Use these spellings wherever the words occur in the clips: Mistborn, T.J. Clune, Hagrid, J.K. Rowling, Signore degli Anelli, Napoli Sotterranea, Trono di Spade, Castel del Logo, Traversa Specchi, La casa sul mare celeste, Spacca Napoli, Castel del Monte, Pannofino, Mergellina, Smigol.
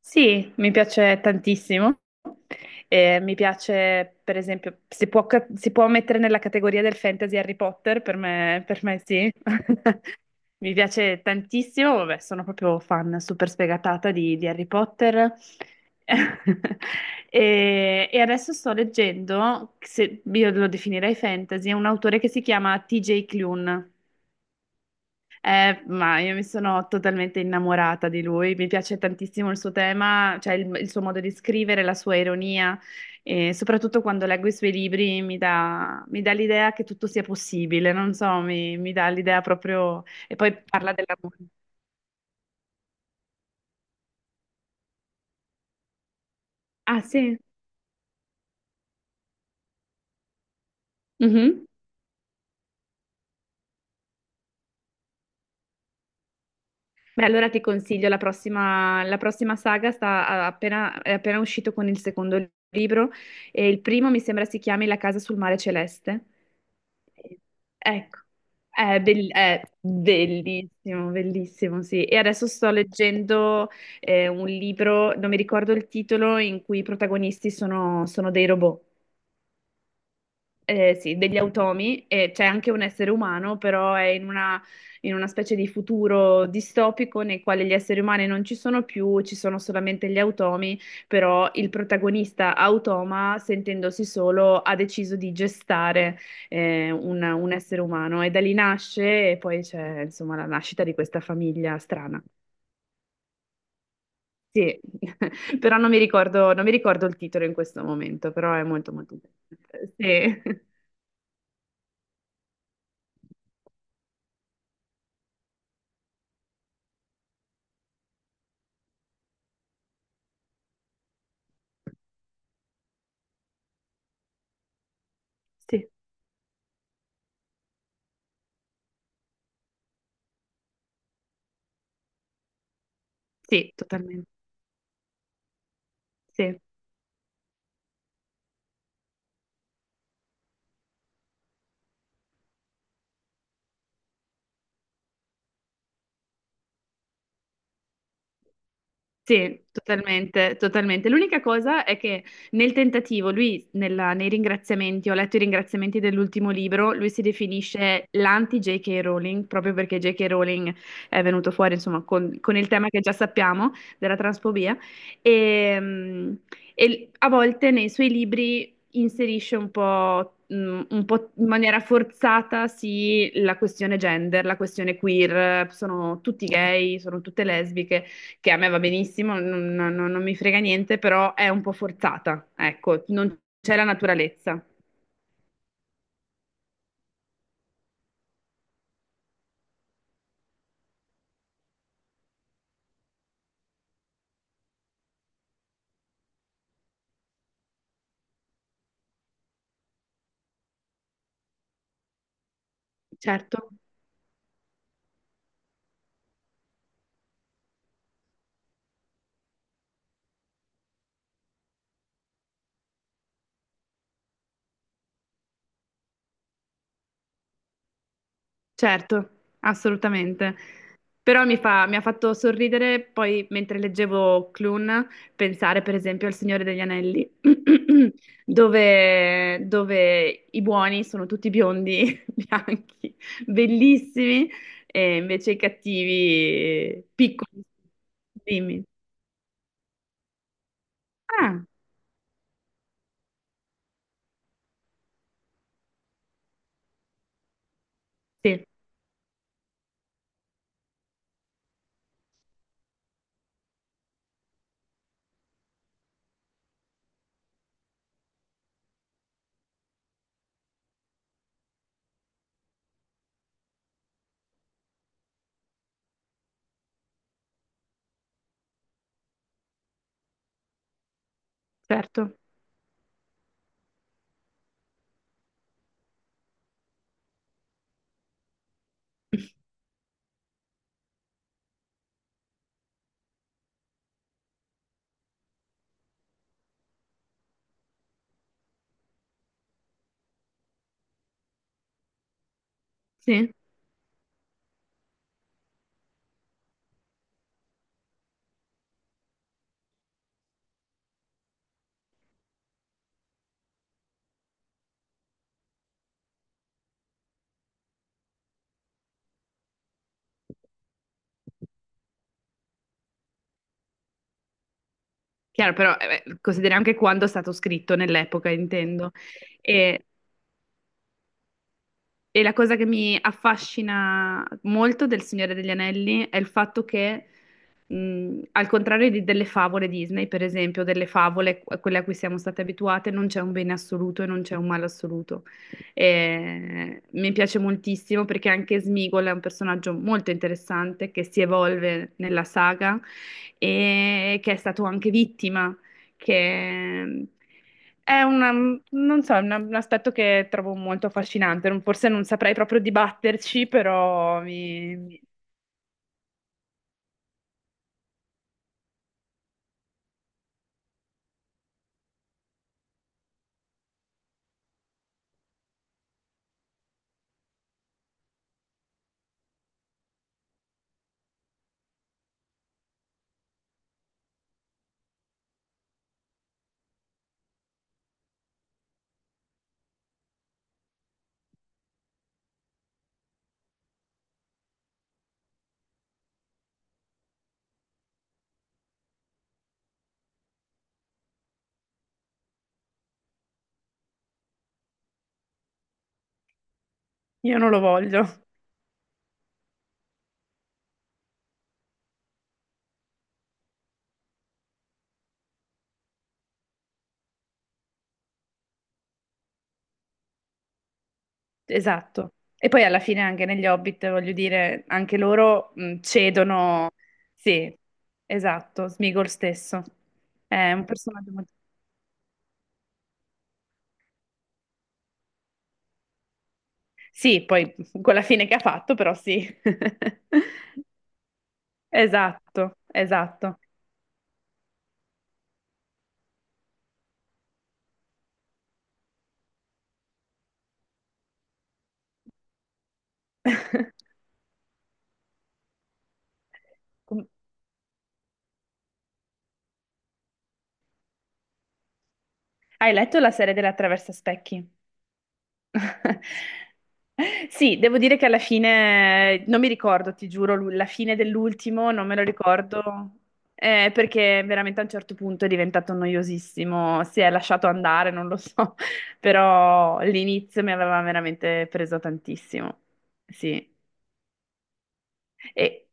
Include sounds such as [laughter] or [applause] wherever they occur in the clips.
Sì, mi piace tantissimo. Mi piace, per esempio, si può mettere nella categoria del fantasy Harry Potter, per me sì. [laughs] Mi piace tantissimo, vabbè, sono proprio fan super sfegatata di Harry Potter. [laughs] E adesso sto leggendo, se io lo definirei fantasy, un autore che si chiama T.J. Clune. Ma io mi sono totalmente innamorata di lui, mi piace tantissimo il suo tema, cioè il suo modo di scrivere, la sua ironia e soprattutto quando leggo i suoi libri mi dà l'idea che tutto sia possibile, non so, mi dà l'idea proprio... E poi parla dell'amore. Ah sì? Mhm. Beh, allora ti consiglio la prossima saga, è appena uscito con il secondo libro e il primo mi sembra si chiami La casa sul mare celeste. Ecco, è bellissimo, bellissimo, sì. E adesso sto leggendo un libro, non mi ricordo il titolo, in cui i protagonisti sono dei robot, sì, degli automi, e c'è anche un essere umano, però è in una specie di futuro distopico nel quale gli esseri umani non ci sono più, ci sono solamente gli automi, però il protagonista automa, sentendosi solo, ha deciso di gestare un essere umano e da lì nasce e poi c'è insomma la nascita di questa famiglia strana. Sì, [laughs] però non mi ricordo, non mi ricordo il titolo in questo momento, però è molto molto bello. Sì. [laughs] Sì, sì, totalmente. Sì, sì, totalmente, totalmente. L'unica cosa è che nel tentativo, nei ringraziamenti, ho letto i ringraziamenti dell'ultimo libro, lui si definisce l'anti-J.K. Rowling, proprio perché J.K. Rowling è venuto fuori, insomma, con il tema che già sappiamo della transfobia. E, e a volte nei suoi libri inserisce un po', un po' in maniera forzata, sì, la questione gender, la questione queer, sono tutti gay, sono tutte lesbiche. Che a me va benissimo, non mi frega niente, però è un po' forzata, ecco, non c'è la naturalezza. Certo, certo, assolutamente. Però mi ha fatto sorridere poi mentre leggevo Clun, pensare per esempio al Signore degli Anelli, [clears throat] dove i buoni sono tutti biondi, [laughs] bianchi, bellissimi, e invece i cattivi piccoli. Dimmi. Ah, sì, certo. Sì, chiaro, però beh, consideri anche quando è stato scritto, nell'epoca, intendo. E E la cosa che mi affascina molto del Signore degli Anelli è il fatto che, al contrario di delle favole Disney, per esempio, delle favole, a quelle a cui siamo state abituate, non c'è un bene assoluto e non c'è un male assoluto. E mi piace moltissimo perché anche Smigol è un personaggio molto interessante che si evolve nella saga e che è stato anche vittima, che è una, non so, un aspetto che trovo molto affascinante. Forse non saprei proprio dibatterci, però io non lo voglio. Esatto. E poi alla fine anche negli Hobbit, voglio dire, anche loro cedono. Sì, esatto, Smigol stesso. È un personaggio molto... Sì, poi con la fine che ha fatto, però sì. [laughs] Esatto, esatto. [laughs] Com- Hai letto la serie della Traversa Specchi? [laughs] Sì, devo dire che alla fine non mi ricordo, ti giuro, la fine dell'ultimo non me lo ricordo, perché veramente a un certo punto è diventato noiosissimo, si è lasciato andare, non lo so, [laughs] però l'inizio mi aveva veramente preso tantissimo. Sì. E-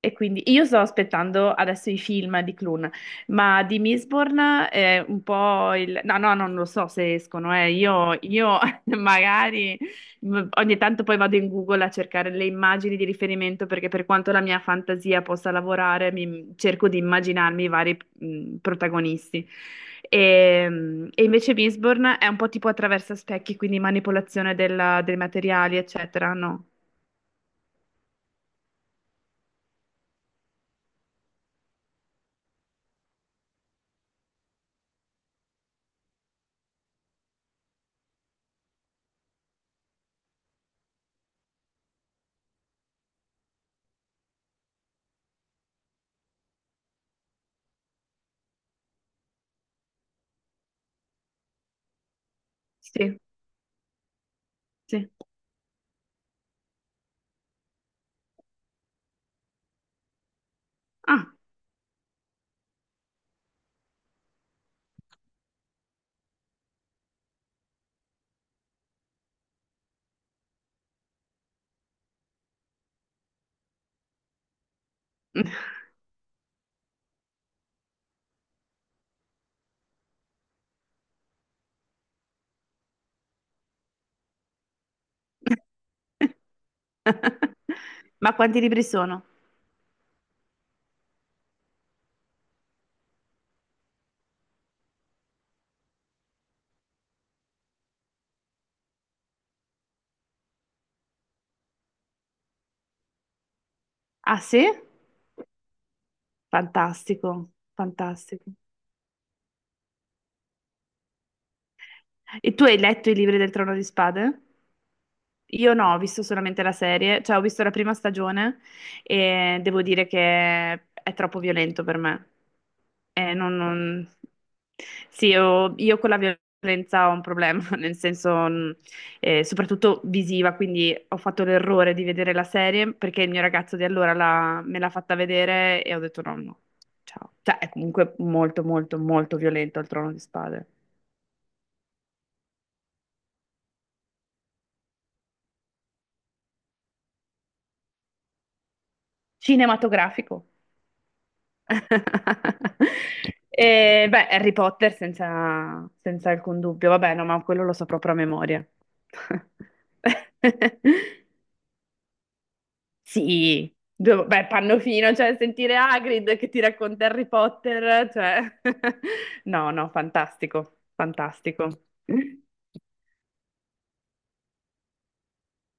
e quindi io sto aspettando adesso i film di Clun, ma di Mistborn è un po' il... No, no, non lo so se escono, eh. Io [laughs] magari ogni tanto poi vado in Google a cercare le immagini di riferimento perché per quanto la mia fantasia possa lavorare, cerco di immaginarmi i vari protagonisti. E invece Mistborn è un po' tipo attraverso specchi, quindi manipolazione dei materiali, eccetera, no? Sì, sì. Ah. [laughs] [laughs] Ma quanti libri sono? Ah, sì? Fantastico, fantastico. E tu hai letto i libri del Trono di Spade? Io no, ho visto solamente la serie, cioè ho visto la prima stagione e devo dire che è troppo violento per me. Eh, non, non- Sì, io con la violenza ho un problema, [laughs] nel senso, soprattutto visiva, quindi ho fatto l'errore di vedere la serie perché il mio ragazzo di allora me l'ha fatta vedere e ho detto no, no, ciao. Cioè è comunque molto, molto, molto violento il Trono di Spade. Cinematografico. [laughs] E, beh, Harry Potter senza, senza alcun dubbio, vabbè, no, ma quello lo so proprio a memoria. [laughs] Sì, due- beh, Pannofino, cioè sentire Hagrid che ti racconta Harry Potter, cioè... [laughs] No, no, fantastico, fantastico.